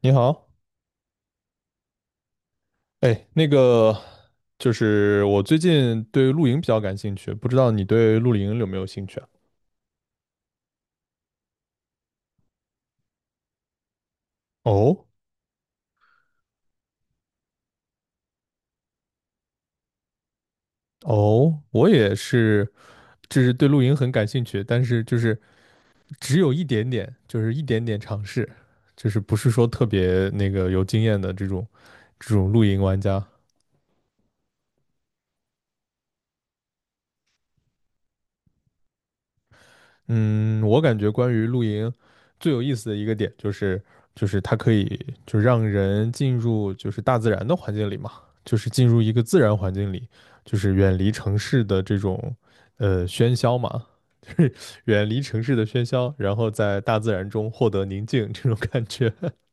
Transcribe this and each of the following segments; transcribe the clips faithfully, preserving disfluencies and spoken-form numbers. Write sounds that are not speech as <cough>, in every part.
你好。哎，那个就是我最近对露营比较感兴趣，不知道你对露营有没有兴趣啊？哦，哦，我也是，就是对露营很感兴趣，但是就是只有一点点，就是一点点尝试，就是不是说特别那个有经验的这种这种露营玩家。嗯，我感觉关于露营最有意思的一个点就是，就是它可以就让人进入就是大自然的环境里嘛，就是进入一个自然环境里，就是远离城市的这种呃喧嚣嘛，<laughs> 就是远离城市的喧嚣，然后在大自然中获得宁静这种感觉。<laughs>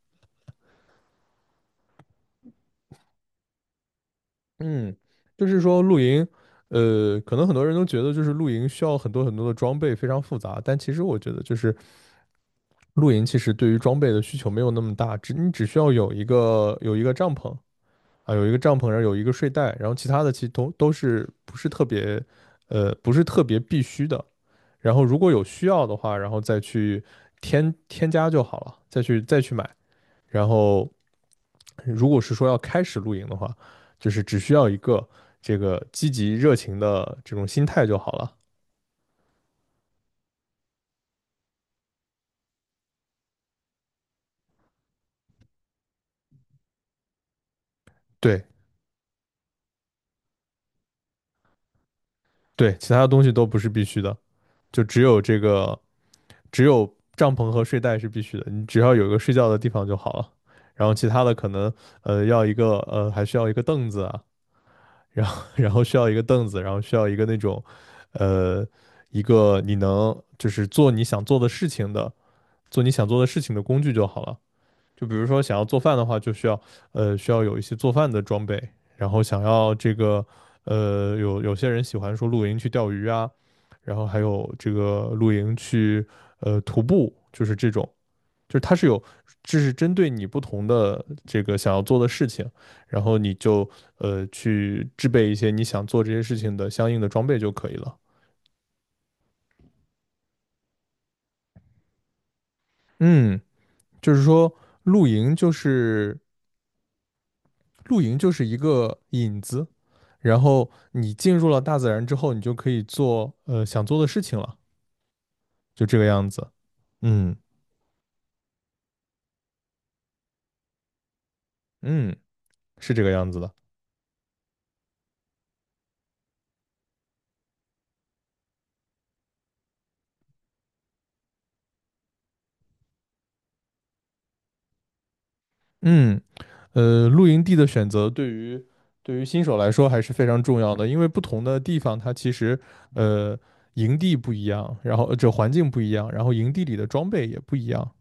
嗯，就是说露营，呃，可能很多人都觉得就是露营需要很多很多的装备，非常复杂，但其实我觉得就是露营其实对于装备的需求没有那么大，只你只需要有一个有一个帐篷啊，有一个帐篷，然后有一个睡袋，然后其他的其实都都是不是特别，呃，不是特别必须的。然后如果有需要的话，然后再去添添加就好了，再去再去买。然后如果是说要开始露营的话，就是只需要一个这个积极热情的这种心态就好了。对，对，其他的东西都不是必须的，就只有这个，只有帐篷和睡袋是必须的，你只要有一个睡觉的地方就好了。然后其他的可能，呃要一个呃还需要一个凳子啊，<laughs> 然后然后需要一个凳子，然后需要一个那种，呃一个你能就是做你想做的事情的做你想做的事情的工具就好了。就比如说想要做饭的话，就需要，呃需要有一些做饭的装备，然后想要这个，呃有有些人喜欢说露营去钓鱼啊，然后还有这个露营去呃徒步，就是这种，就是它是有这是针对你不同的这个想要做的事情，然后你就呃去制备一些你想做这些事情的相应的装备就可以了。嗯，就是说露营就是，露营就是一个引子，然后你进入了大自然之后，你就可以做呃想做的事情了，就这个样子。嗯，嗯，是这个样子的。嗯，呃，露营地的选择对于，对于新手来说还是非常重要的，因为不同的地方它其实，呃营地不一样，然后呃这环境不一样，然后营地里的装备也不一样，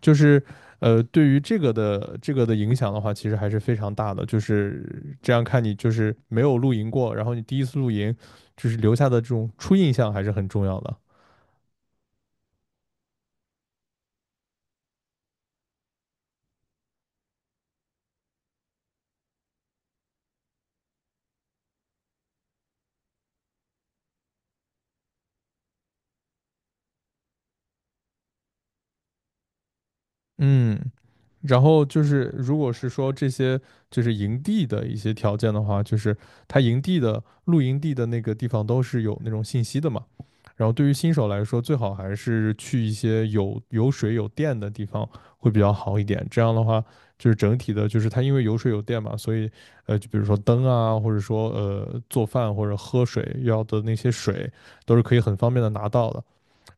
就是，呃，对于这个的这个的影响的话，其实还是非常大的。就是这样看你就是没有露营过，然后你第一次露营，就是留下的这种初印象还是很重要的。嗯，然后就是，如果是说这些就是营地的一些条件的话，就是它营地的露营地的那个地方都是有那种信息的嘛。然后对于新手来说，最好还是去一些有有水有电的地方会比较好一点。这样的话，就是整体的，就是它因为有水有电嘛，所以，呃，就比如说灯啊，或者说呃做饭或者喝水要的那些水，都是可以很方便的拿到的。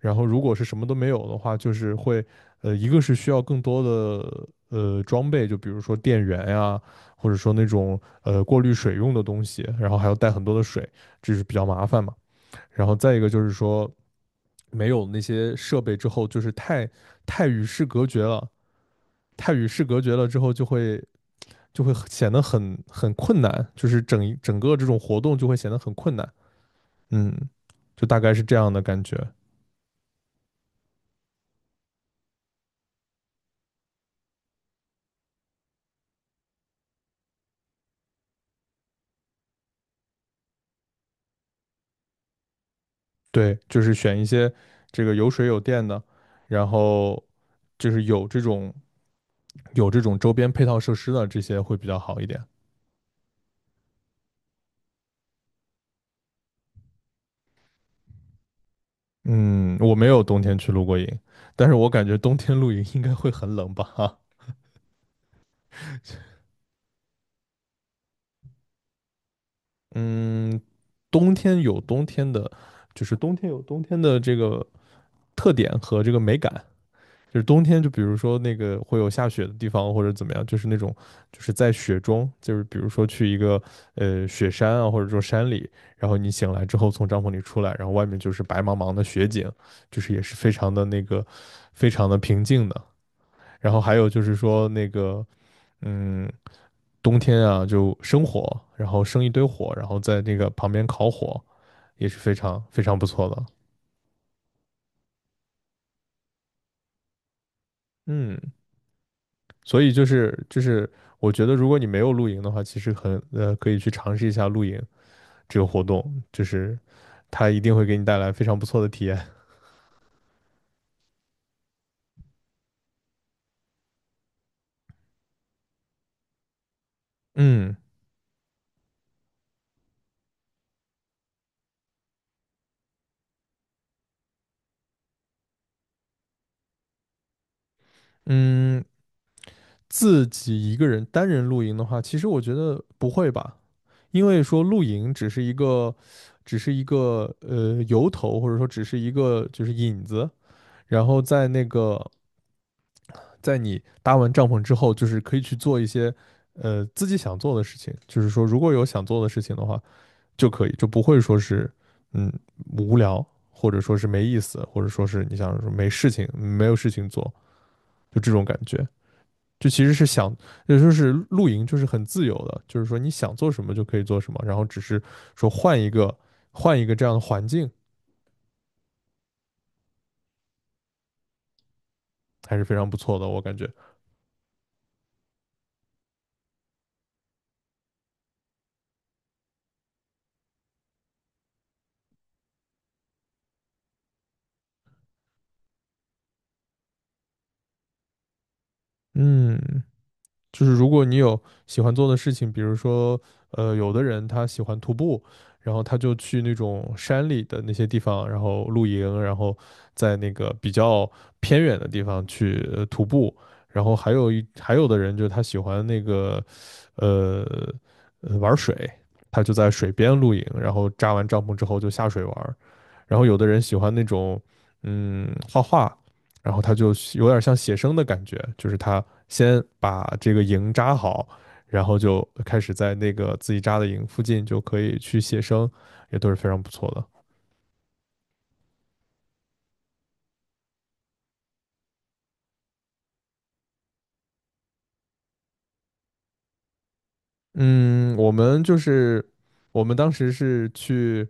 然后如果是什么都没有的话，就是会，呃，一个是需要更多的呃装备，就比如说电源呀，或者说那种呃过滤水用的东西，然后还要带很多的水，这是比较麻烦嘛。然后再一个就是说，没有那些设备之后，就是太太与世隔绝了，太与世隔绝了之后就会，就会显得很很困难，就是整整个这种活动就会显得很困难。嗯，就大概是这样的感觉。对，就是选一些这个有水有电的，然后就是有这种，有这种周边配套设施的这些会比较好一点。嗯，我没有冬天去露过营，但是我感觉冬天露营应该会很冷吧？哈，嗯，冬天有冬天的，就是冬天有冬天的这个特点和这个美感，就是冬天，就比如说那个会有下雪的地方或者怎么样，就是那种，就是在雪中，就是比如说去一个呃雪山啊，或者说山里，然后你醒来之后从帐篷里出来，然后外面就是白茫茫的雪景，就是也是非常的那个，非常的平静的。然后还有就是说那个，嗯，冬天啊，就生火，然后生一堆火，然后在那个旁边烤火，也是非常非常不错的。嗯，所以就是就是，我觉得如果你没有露营的话，其实很呃可以去尝试一下露营这个活动，就是它一定会给你带来非常不错的体验。嗯，嗯，自己一个人单人露营的话，其实我觉得不会吧，因为说露营只是一个，只是一个呃由头，或者说只是一个就是引子，然后在那个在你搭完帐篷之后，就是可以去做一些，呃，自己想做的事情，就是说，如果有想做的事情的话，就可以，就不会说是，嗯，无聊，或者说是没意思，或者说是你想说没事情没有事情做，就这种感觉。就其实是想，也就是露营就是很自由的，就是说你想做什么就可以做什么，然后只是说换一个，换一个这样的环境还是非常不错的，我感觉。嗯，就是如果你有喜欢做的事情，比如说，呃，有的人他喜欢徒步，然后他就去那种山里的那些地方，然后露营，然后在那个比较偏远的地方去呃徒步。然后还有一还有的人就是他喜欢那个，呃，呃玩水，他就在水边露营，然后扎完帐篷之后就下水玩儿。然后有的人喜欢那种，嗯，画画，然后他就有点像写生的感觉，就是他先把这个营扎好，然后就开始在那个自己扎的营附近就可以去写生，也都是非常不错的。嗯，我们就是，我们当时是去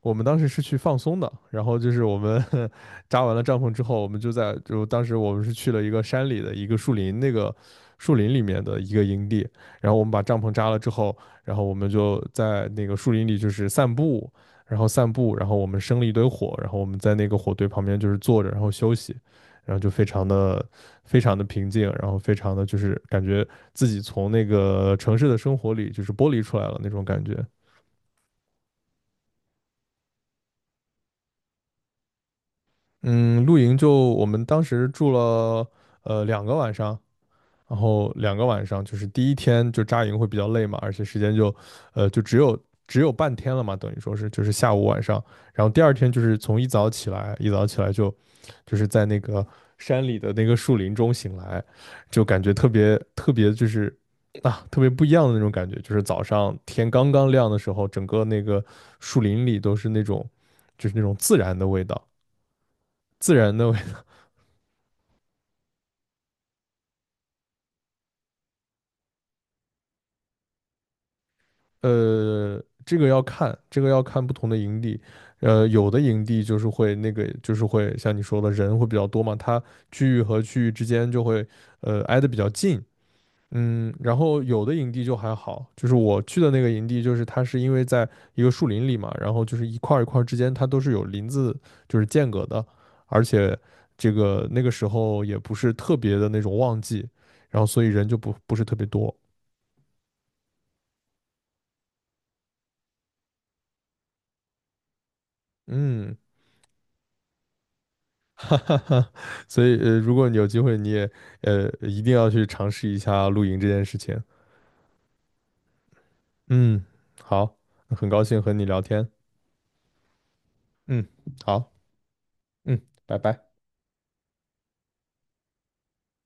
我们当时是去放松的，然后就是我们 <laughs> 扎完了帐篷之后，我们就在，就当时我们是去了一个山里的一个树林，那个树林里面的一个营地，然后我们把帐篷扎了之后，然后我们就在那个树林里就是散步，然后散步，然后我们生了一堆火，然后我们在那个火堆旁边就是坐着，然后休息，然后就非常的，非常的平静，然后非常的就是感觉自己从那个城市的生活里就是剥离出来了那种感觉。嗯，露营就我们当时住了呃两个晚上，然后两个晚上就是第一天就扎营会比较累嘛，而且时间就呃就只有只有半天了嘛，等于说是就是下午晚上，然后第二天就是从一早起来，一早起来就，就是在那个山里的那个树林中醒来，就感觉特别特别就是啊特别不一样的那种感觉，就是早上天刚刚亮的时候，整个那个树林里都是那种，就是那种自然的味道。自然的 <laughs> 呃，这个要看，这个要看不同的营地。呃，有的营地就是会那个，就是会像你说的人会比较多嘛，它区域和区域之间就会呃挨得比较近。嗯，然后有的营地就还好，就是我去的那个营地，就是它是因为在一个树林里嘛，然后就是一块儿一块儿之间它都是有林子就是间隔的，而且这个那个时候也不是特别的那种旺季，然后所以人就不不是特别多。嗯，<laughs> 哈哈哈，<laughs> 所以呃，如果你有机会，你也呃一定要去尝试一下露营这件事情。嗯，好，很高兴和你聊天。嗯，好，嗯，拜拜。